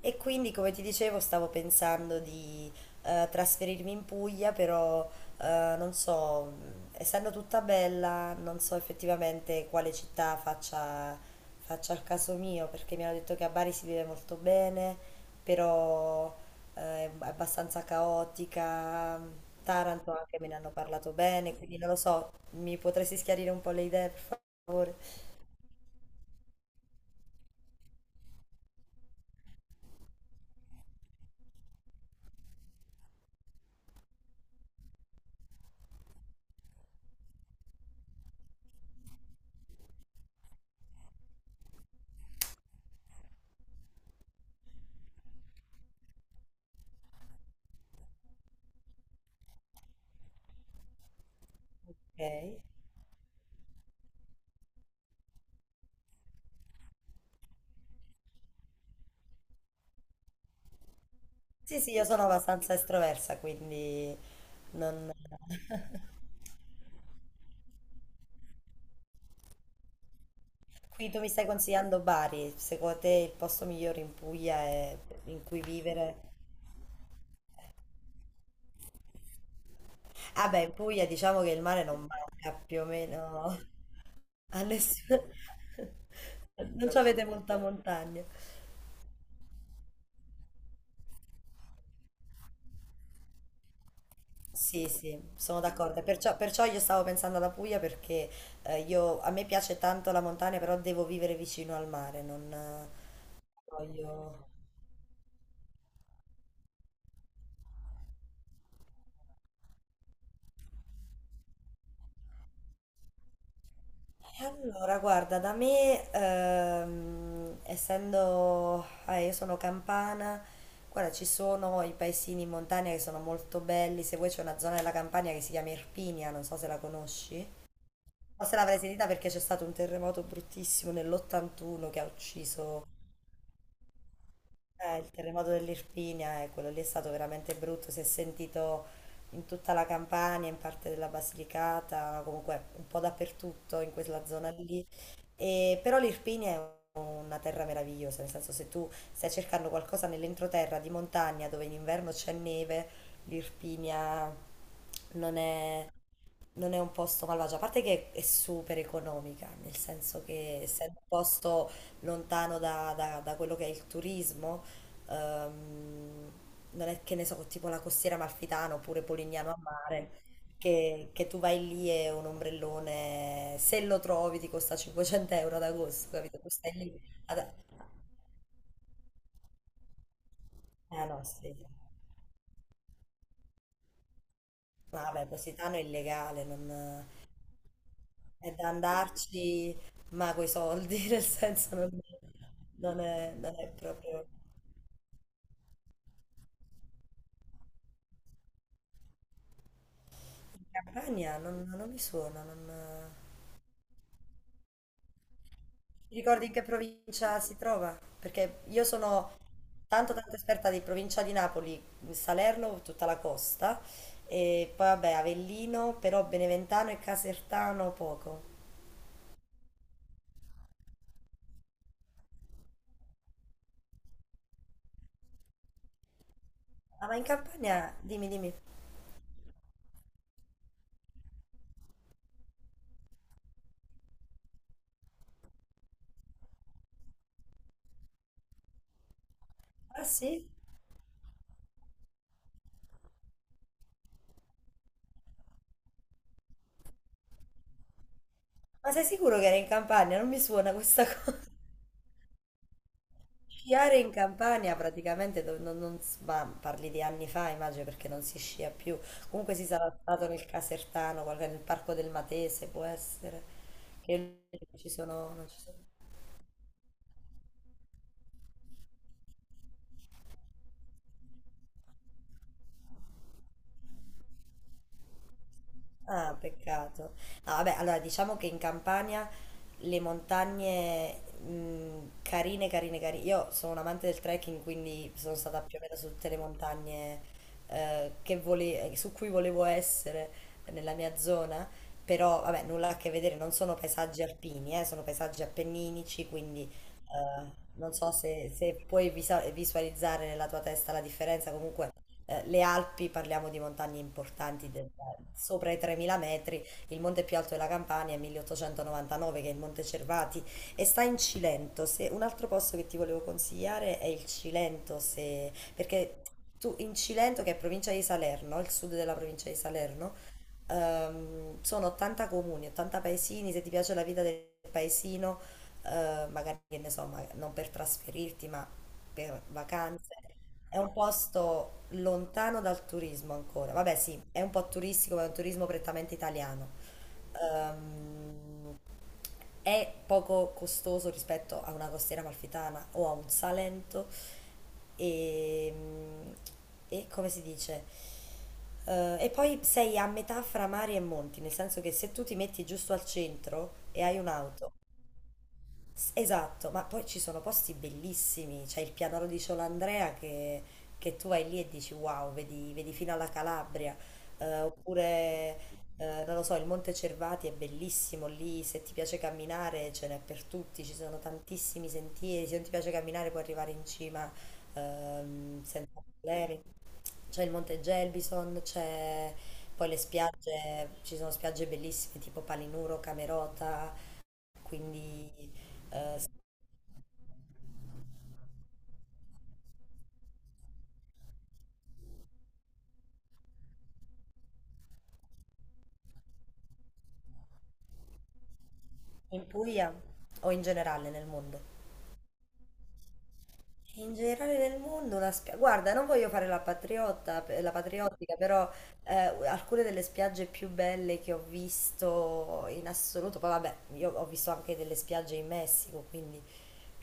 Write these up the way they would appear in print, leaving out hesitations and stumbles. E quindi, come ti dicevo, stavo pensando di trasferirmi in Puglia, però non so, essendo tutta bella, non so effettivamente quale città faccia il caso mio, perché mi hanno detto che a Bari si vive molto bene, però è abbastanza caotica. Taranto anche me ne hanno parlato bene, quindi non lo so, mi potresti schiarire un po' le idee, per favore? Ok. Sì, sì, io sono abbastanza estroversa, quindi non. Qui tu mi stai consigliando Bari, secondo te il posto migliore in Puglia è in cui vivere? Ah beh, in Puglia diciamo che il mare non manca più o meno a nessuno. Non ci avete molta montagna. Sì, sì, sono d'accordo. Perciò, perciò io stavo pensando alla Puglia perché a me piace tanto la montagna, però devo vivere vicino al mare, non voglio. E allora, guarda, da me, essendo, io sono campana, guarda, ci sono i paesini in montagna che sono molto belli, se vuoi c'è una zona della Campania che si chiama Irpinia, non so se la conosci, o se l'avrai sentita perché c'è stato un terremoto bruttissimo nell'81 che ha ucciso il terremoto dell'Irpinia, quello lì è stato veramente brutto, si è sentito in tutta la Campania, in parte della Basilicata, comunque un po' dappertutto in quella zona lì. Però l'Irpinia è una terra meravigliosa, nel senso se tu stai cercando qualcosa nell'entroterra di montagna dove in inverno c'è neve, l'Irpinia non è, non è un posto malvagio, a parte che è super economica, nel senso che essendo un posto lontano da, da quello che è il turismo, ehm, non è che ne so, tipo la costiera amalfitana oppure Polignano a mare, che tu vai lì e un ombrellone, se lo trovi, ti costa 500 € ad agosto, capito? Tu stai lì. Ad... Ah no, sì. Vabbè, Positano è illegale, non. È da andarci, ma coi soldi, nel senso non, non è, non è proprio. In Campania non, non mi suona, non. Ti ricordi in che provincia si trova? Perché io sono tanto tanto esperta di provincia di Napoli, Salerno, tutta la costa, e poi vabbè Avellino, però Beneventano e Casertano poco. Ah, ma in Campania, dimmi, dimmi. Ah sì? Ma sei sicuro che era in Campania? Non mi suona questa cosa. Sciare in Campania praticamente, dove non, ma parli di anni fa, immagino perché non si scia più. Comunque si sarà stato nel Casertano, nel Parco del Matese, può essere, che non ci sono, non ci sono- Ah, peccato. No, vabbè, allora diciamo che in Campania le montagne carine, carine, carine. Io sono un amante del trekking, quindi sono stata più o meno su tutte le montagne su cui volevo essere nella mia zona, però vabbè, nulla a che vedere, non sono paesaggi alpini, sono paesaggi appenninici, quindi non so se puoi visualizzare nella tua testa la differenza, comunque le Alpi, parliamo di montagne importanti, sopra i 3.000 metri, il monte più alto della Campania è 1899, che è il Monte Cervati, e sta in Cilento. Se, Un altro posto che ti volevo consigliare è il Cilento, se, perché tu in Cilento, che è provincia di Salerno, il sud della provincia di Salerno, sono 80 comuni, 80 paesini, se ti piace la vita del paesino, magari che ne so, non per trasferirti, ma per vacanze. È un posto lontano dal turismo ancora. Vabbè, sì, è un po' turistico, ma è un turismo prettamente italiano. Ehm, è poco costoso rispetto a una costiera amalfitana o a un Salento. E, e come si dice? E poi sei a metà fra mari e monti, nel senso che se tu ti metti giusto al centro e hai un'auto. Esatto, ma poi ci sono posti bellissimi, c'è il pianoro di Ciolandrea che tu vai lì e dici wow, vedi, vedi fino alla Calabria. Oppure non lo so, il Monte Cervati è bellissimo lì, se ti piace camminare ce n'è per tutti, ci sono tantissimi sentieri, se non ti piace camminare puoi arrivare in cima senza problemi. C'è il Monte Gelbison, c'è poi le spiagge, ci sono spiagge bellissime tipo Palinuro, Camerota, quindi. In Puglia o in generale nel mondo? In generale nel mondo la spiaggia, guarda, non voglio fare la patriotta, la patriottica, però alcune delle spiagge più belle che ho visto in assoluto, poi vabbè, io ho visto anche delle spiagge in Messico, quindi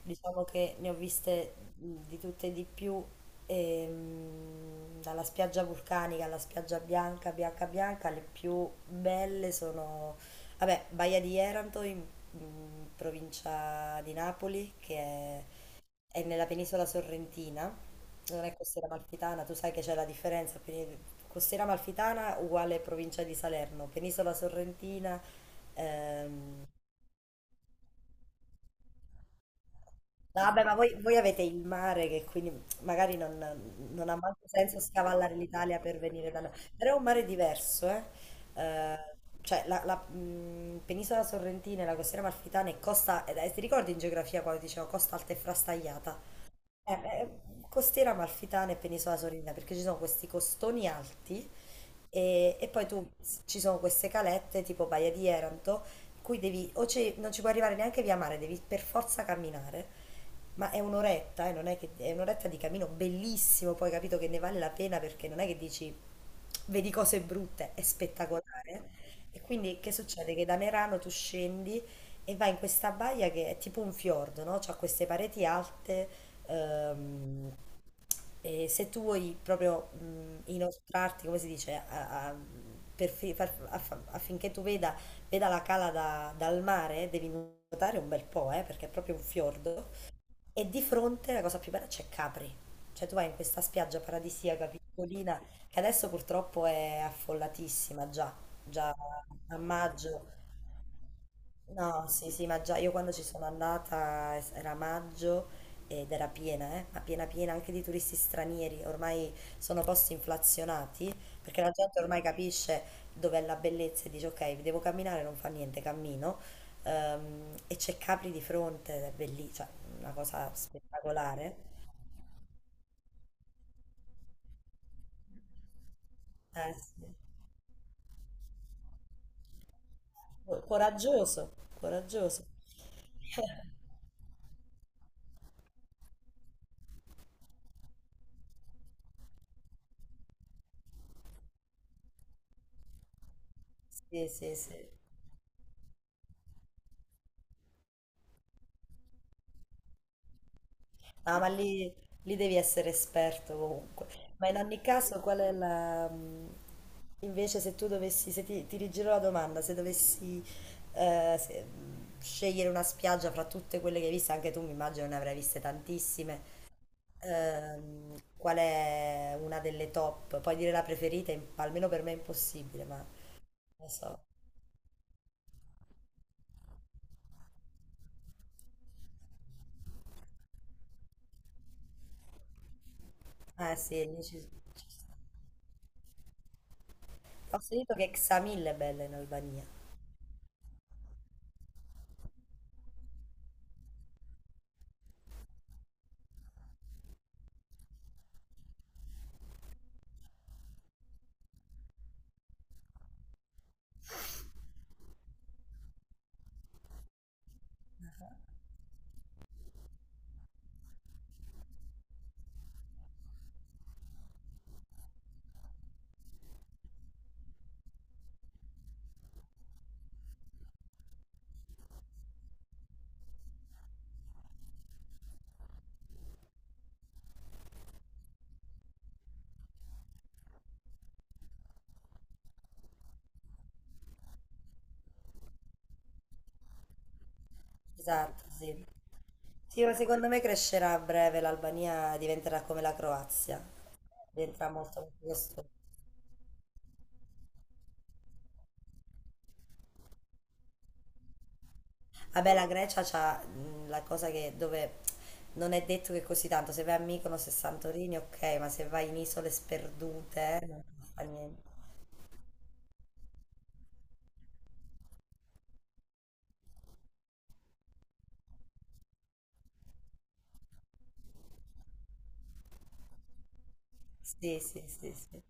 diciamo che ne ho viste di tutte e di più, dalla spiaggia vulcanica alla spiaggia bianca, bianca, bianca, le più belle sono, vabbè, Baia di Eranto in provincia di Napoli, che è nella penisola sorrentina, non è costiera amalfitana, tu sai che c'è la differenza, costiera amalfitana uguale provincia di Salerno, penisola sorrentina, ehm, no, vabbè, ma voi avete il mare che quindi magari non, non ha molto senso scavallare l'Italia per venire da noi, però è un mare diverso, eh? Cioè la, penisola sorrentina e la costiera amalfitana è costa, ti ricordi in geografia quando dicevo costa alta e frastagliata? Beh, costiera amalfitana e penisola sorina perché ci sono questi costoni alti e poi tu ci sono queste calette tipo Baia di Eranto in cui devi non ci puoi arrivare neanche via mare, devi per forza camminare ma è un'oretta, non è che è un'oretta di cammino bellissimo, poi capito che ne vale la pena perché non è che dici vedi cose brutte, è spettacolare. E quindi che succede? Che da Merano tu scendi e vai in questa baia che è tipo un fiordo, no? C'ha queste pareti alte, ehm, e se tu vuoi proprio inoltrarti, come si dice, a- a- per fi- far- aff- affinché tu veda, la cala dal mare, devi nuotare un bel po', perché è proprio un fiordo. E di fronte la cosa più bella c'è Capri. Cioè tu vai in questa spiaggia paradisiaca piccolina che adesso purtroppo è affollatissima già, già a maggio. No, sì, sì, ma già io quando ci sono andata era maggio ed era piena, ma piena piena anche di turisti stranieri, ormai sono posti inflazionati perché la gente ormai capisce dov'è la bellezza e dice ok, devo camminare, non fa niente, cammino. E c'è Capri di fronte, ed è bellissimo, una cosa spettacolare. Sì. Coraggioso, coraggioso. Sì, sì, sì. No, ma lì devi essere esperto comunque. Ma in ogni caso, qual è la. Invece se tu dovessi, se ti rigiro la domanda, se dovessi scegliere una spiaggia fra tutte quelle che hai visto, anche tu mi immagino ne avrai viste tantissime, qual è una delle top? Puoi dire la preferita, almeno per me è impossibile, ma lo so. Eh sì, lì c'è scritto che Xamil è bella in Albania. Esatto, sì. Sì, ma secondo me crescerà a breve, l'Albania diventerà come la Croazia, diventerà molto molto costosa. Vabbè, la Grecia c'ha la cosa che dove non è detto che così tanto, se vai a Mykonos e Santorini, ok, ma se vai in isole sperdute, non fa niente. Sì, sì, sì, sì.